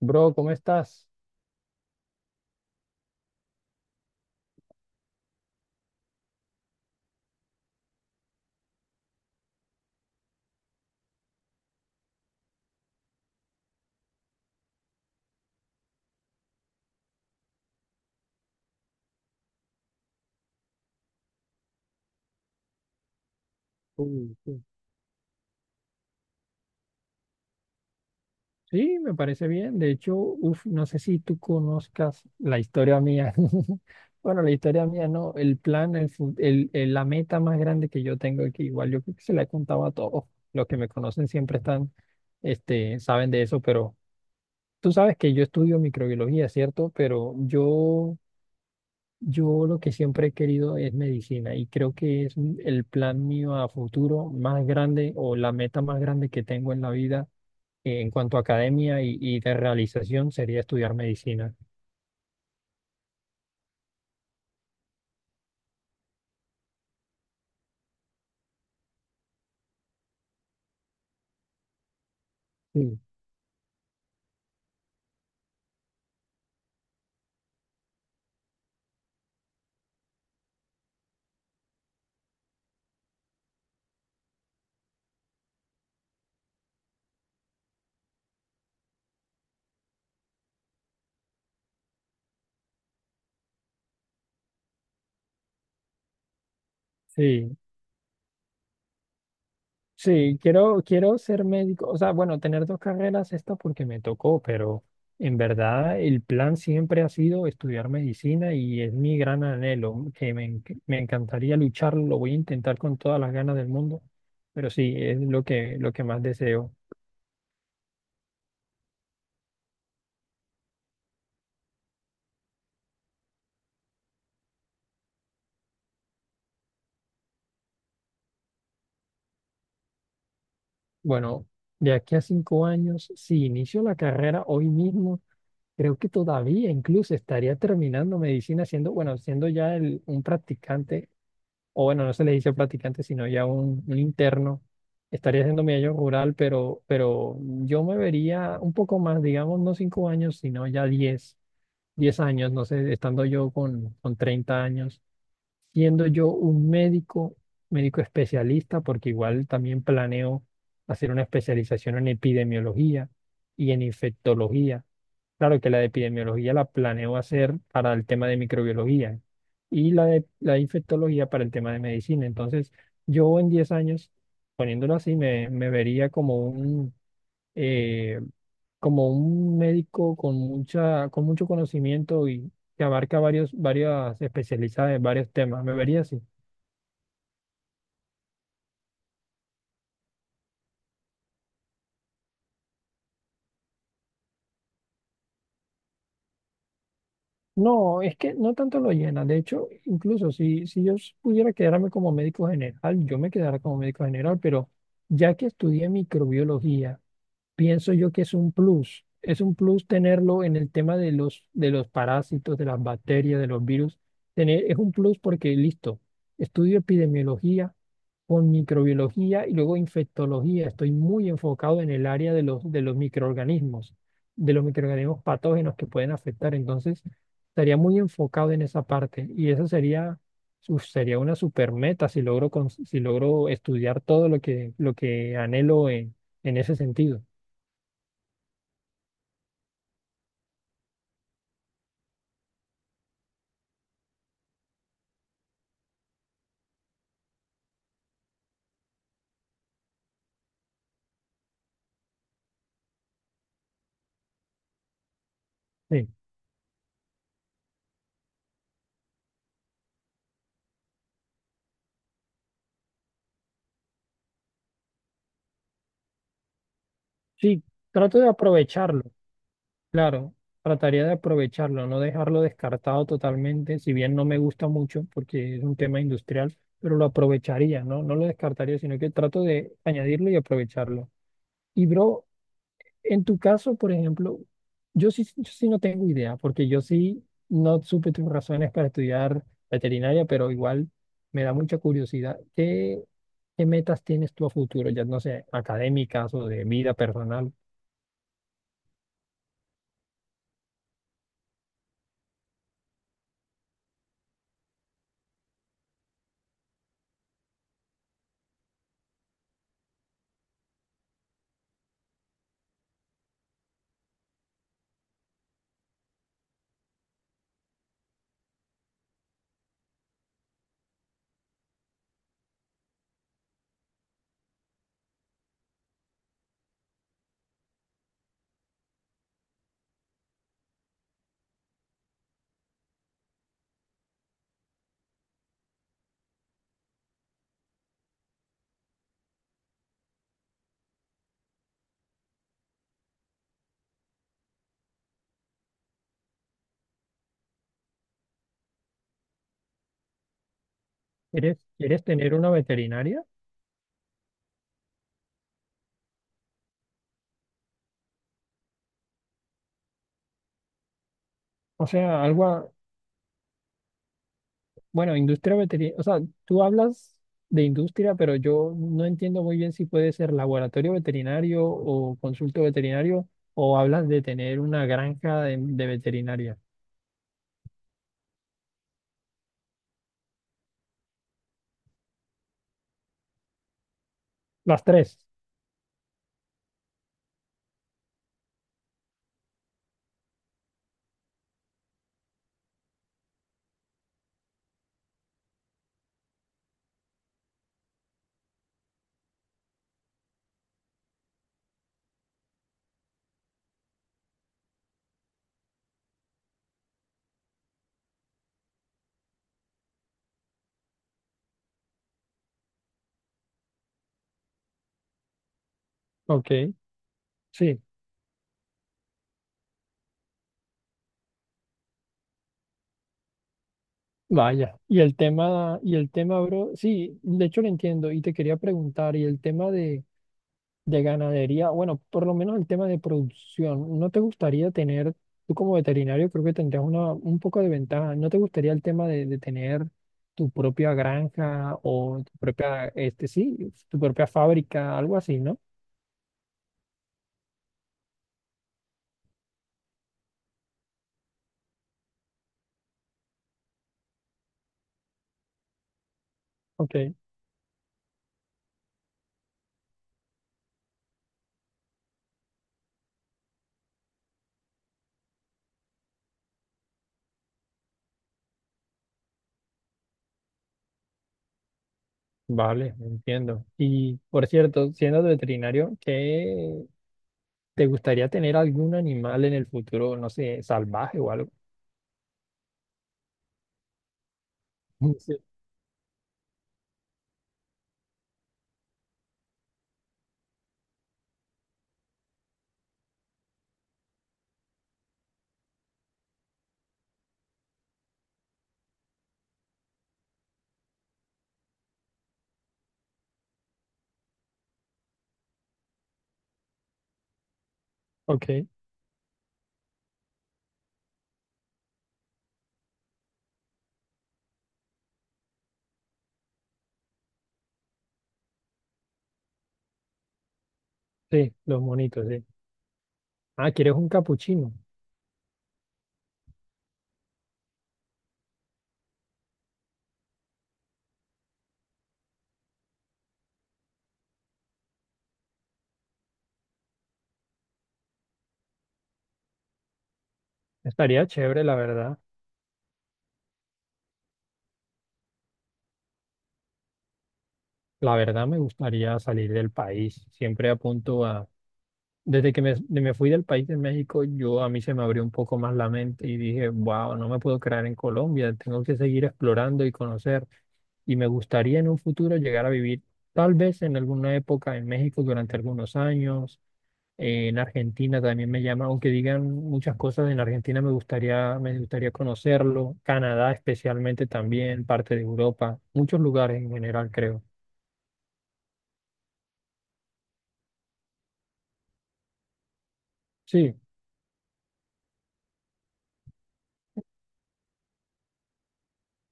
Bro, ¿cómo estás? Uh, sí. Sí, me parece bien. De hecho, uf, no sé si tú conozcas la historia mía. Bueno, la historia mía no, el plan, el, fu- el- la meta más grande que yo tengo, que igual yo creo que se la he contado a todos. Los que me conocen siempre están, saben de eso, pero tú sabes que yo estudio microbiología, ¿cierto? Pero yo lo que siempre he querido es medicina y creo que el plan mío a futuro más grande o la meta más grande que tengo en la vida en cuanto a academia y de realización sería estudiar medicina. Sí, sí, sí, quiero ser médico, o sea, bueno, tener dos carreras, esta porque me tocó, pero en verdad el plan siempre ha sido estudiar medicina y es mi gran anhelo, me encantaría lucharlo, lo voy a intentar con todas las ganas del mundo, pero sí, es lo que más deseo. Bueno, de aquí a 5 años, si inicio la carrera hoy mismo, creo que todavía incluso estaría terminando medicina siendo, bueno, siendo un practicante, o bueno, no se le dice practicante, sino un interno. Estaría haciendo mi año rural, pero yo me vería un poco más, digamos, no 5 años, sino ya 10, 10 años, no sé, estando yo con 30 años, siendo yo un médico, médico especialista, porque igual también planeo hacer una especialización en epidemiología y en infectología. Claro que la de epidemiología la planeo hacer para el tema de microbiología y la de infectología para el tema de medicina. Entonces, yo en 10 años, poniéndolo así, me vería como eh, como un médico con con mucho conocimiento y que abarca varias especialidades, varios temas. Me vería así. No, es que no tanto lo llena. De hecho, incluso si yo pudiera quedarme como médico general, yo me quedara como médico general, pero ya que estudié microbiología, pienso yo que es un plus. Es un plus tenerlo en el tema de de los parásitos, de las bacterias, de los virus. Tener, es un plus porque, listo, estudio epidemiología con microbiología y luego infectología. Estoy muy enfocado en el área de de los microorganismos patógenos que pueden afectar. Entonces, estaría muy enfocado en esa parte y eso sería, uf, sería una super meta si si logro estudiar todo lo que anhelo en ese sentido. Sí, sí, trato de aprovecharlo. Claro, trataría de aprovecharlo, no dejarlo descartado totalmente, si bien no me gusta mucho porque es un tema industrial, pero lo aprovecharía, ¿no? No lo descartaría, sino que trato de añadirlo y aprovecharlo. Y bro, en tu caso, por ejemplo, yo sí no tengo idea, porque yo sí no supe tus razones para estudiar veterinaria, pero igual me da mucha curiosidad. ¿Qué metas tienes tú a futuro? Ya no sé, académicas o de vida personal. ¿Quieres tener una veterinaria? O sea, algo, bueno, industria veterinaria, o sea, tú hablas de industria, pero yo no entiendo muy bien si puede ser laboratorio veterinario o consulto veterinario o hablas de tener una granja de veterinaria. Las tres. Ok, sí, vaya. Y el tema, bro, sí, de hecho lo entiendo y te quería preguntar, y el tema de ganadería, bueno, por lo menos el tema de producción, ¿no te gustaría tener, tú como veterinario creo que tendrías una, un poco de ventaja, ¿no te gustaría el tema de tener tu propia granja o tu propia, este sí, tu propia fábrica, algo así, ¿no? Ok, vale, entiendo. Y por cierto, siendo veterinario, ¿qué te gustaría tener algún animal en el futuro, no sé, salvaje o algo? Sí. Ok, sí, los monitos, sí. Ah, ¿quieres un capuchino? Estaría chévere, la verdad. La verdad me gustaría salir del país. Siempre apunto a... Desde que me fui del país de México, yo a mí se me abrió un poco más la mente y dije, wow, no me puedo quedar en Colombia, tengo que seguir explorando y conocer. Y me gustaría en un futuro llegar a vivir tal vez en alguna época en México durante algunos años. En Argentina también me llama, aunque digan muchas cosas, en Argentina me gustaría conocerlo. Canadá especialmente también, parte de Europa, muchos lugares en general, creo. Sí.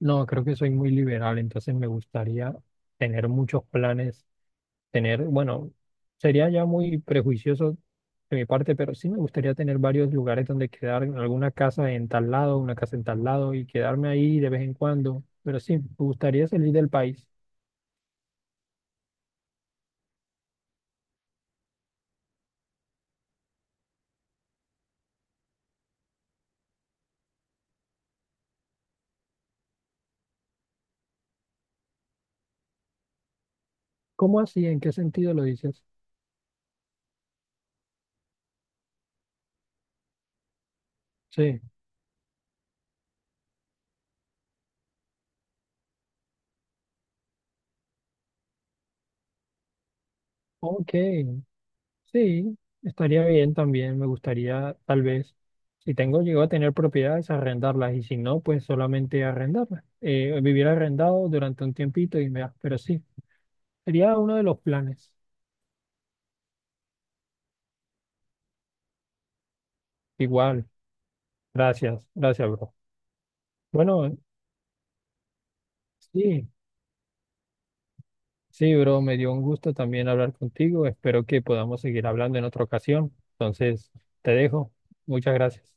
No, creo que soy muy liberal, entonces me gustaría tener muchos planes, tener, bueno, sería ya muy prejuicioso de mi parte, pero sí me gustaría tener varios lugares donde quedar, en alguna casa en tal lado, una casa en tal lado y quedarme ahí de vez en cuando, pero sí, me gustaría salir del país. ¿Cómo así? ¿En qué sentido lo dices? Sí, ok, sí, estaría bien también. Me gustaría, tal vez, si tengo, llego a tener propiedades, arrendarlas y si no, pues solamente arrendarlas. Vivir arrendado durante un tiempito y me... Pero sí, sería uno de los planes. Igual, gracias, bro. Bueno, sí, sí, bro, me dio un gusto también hablar contigo. Espero que podamos seguir hablando en otra ocasión. Entonces, te dejo. Muchas gracias.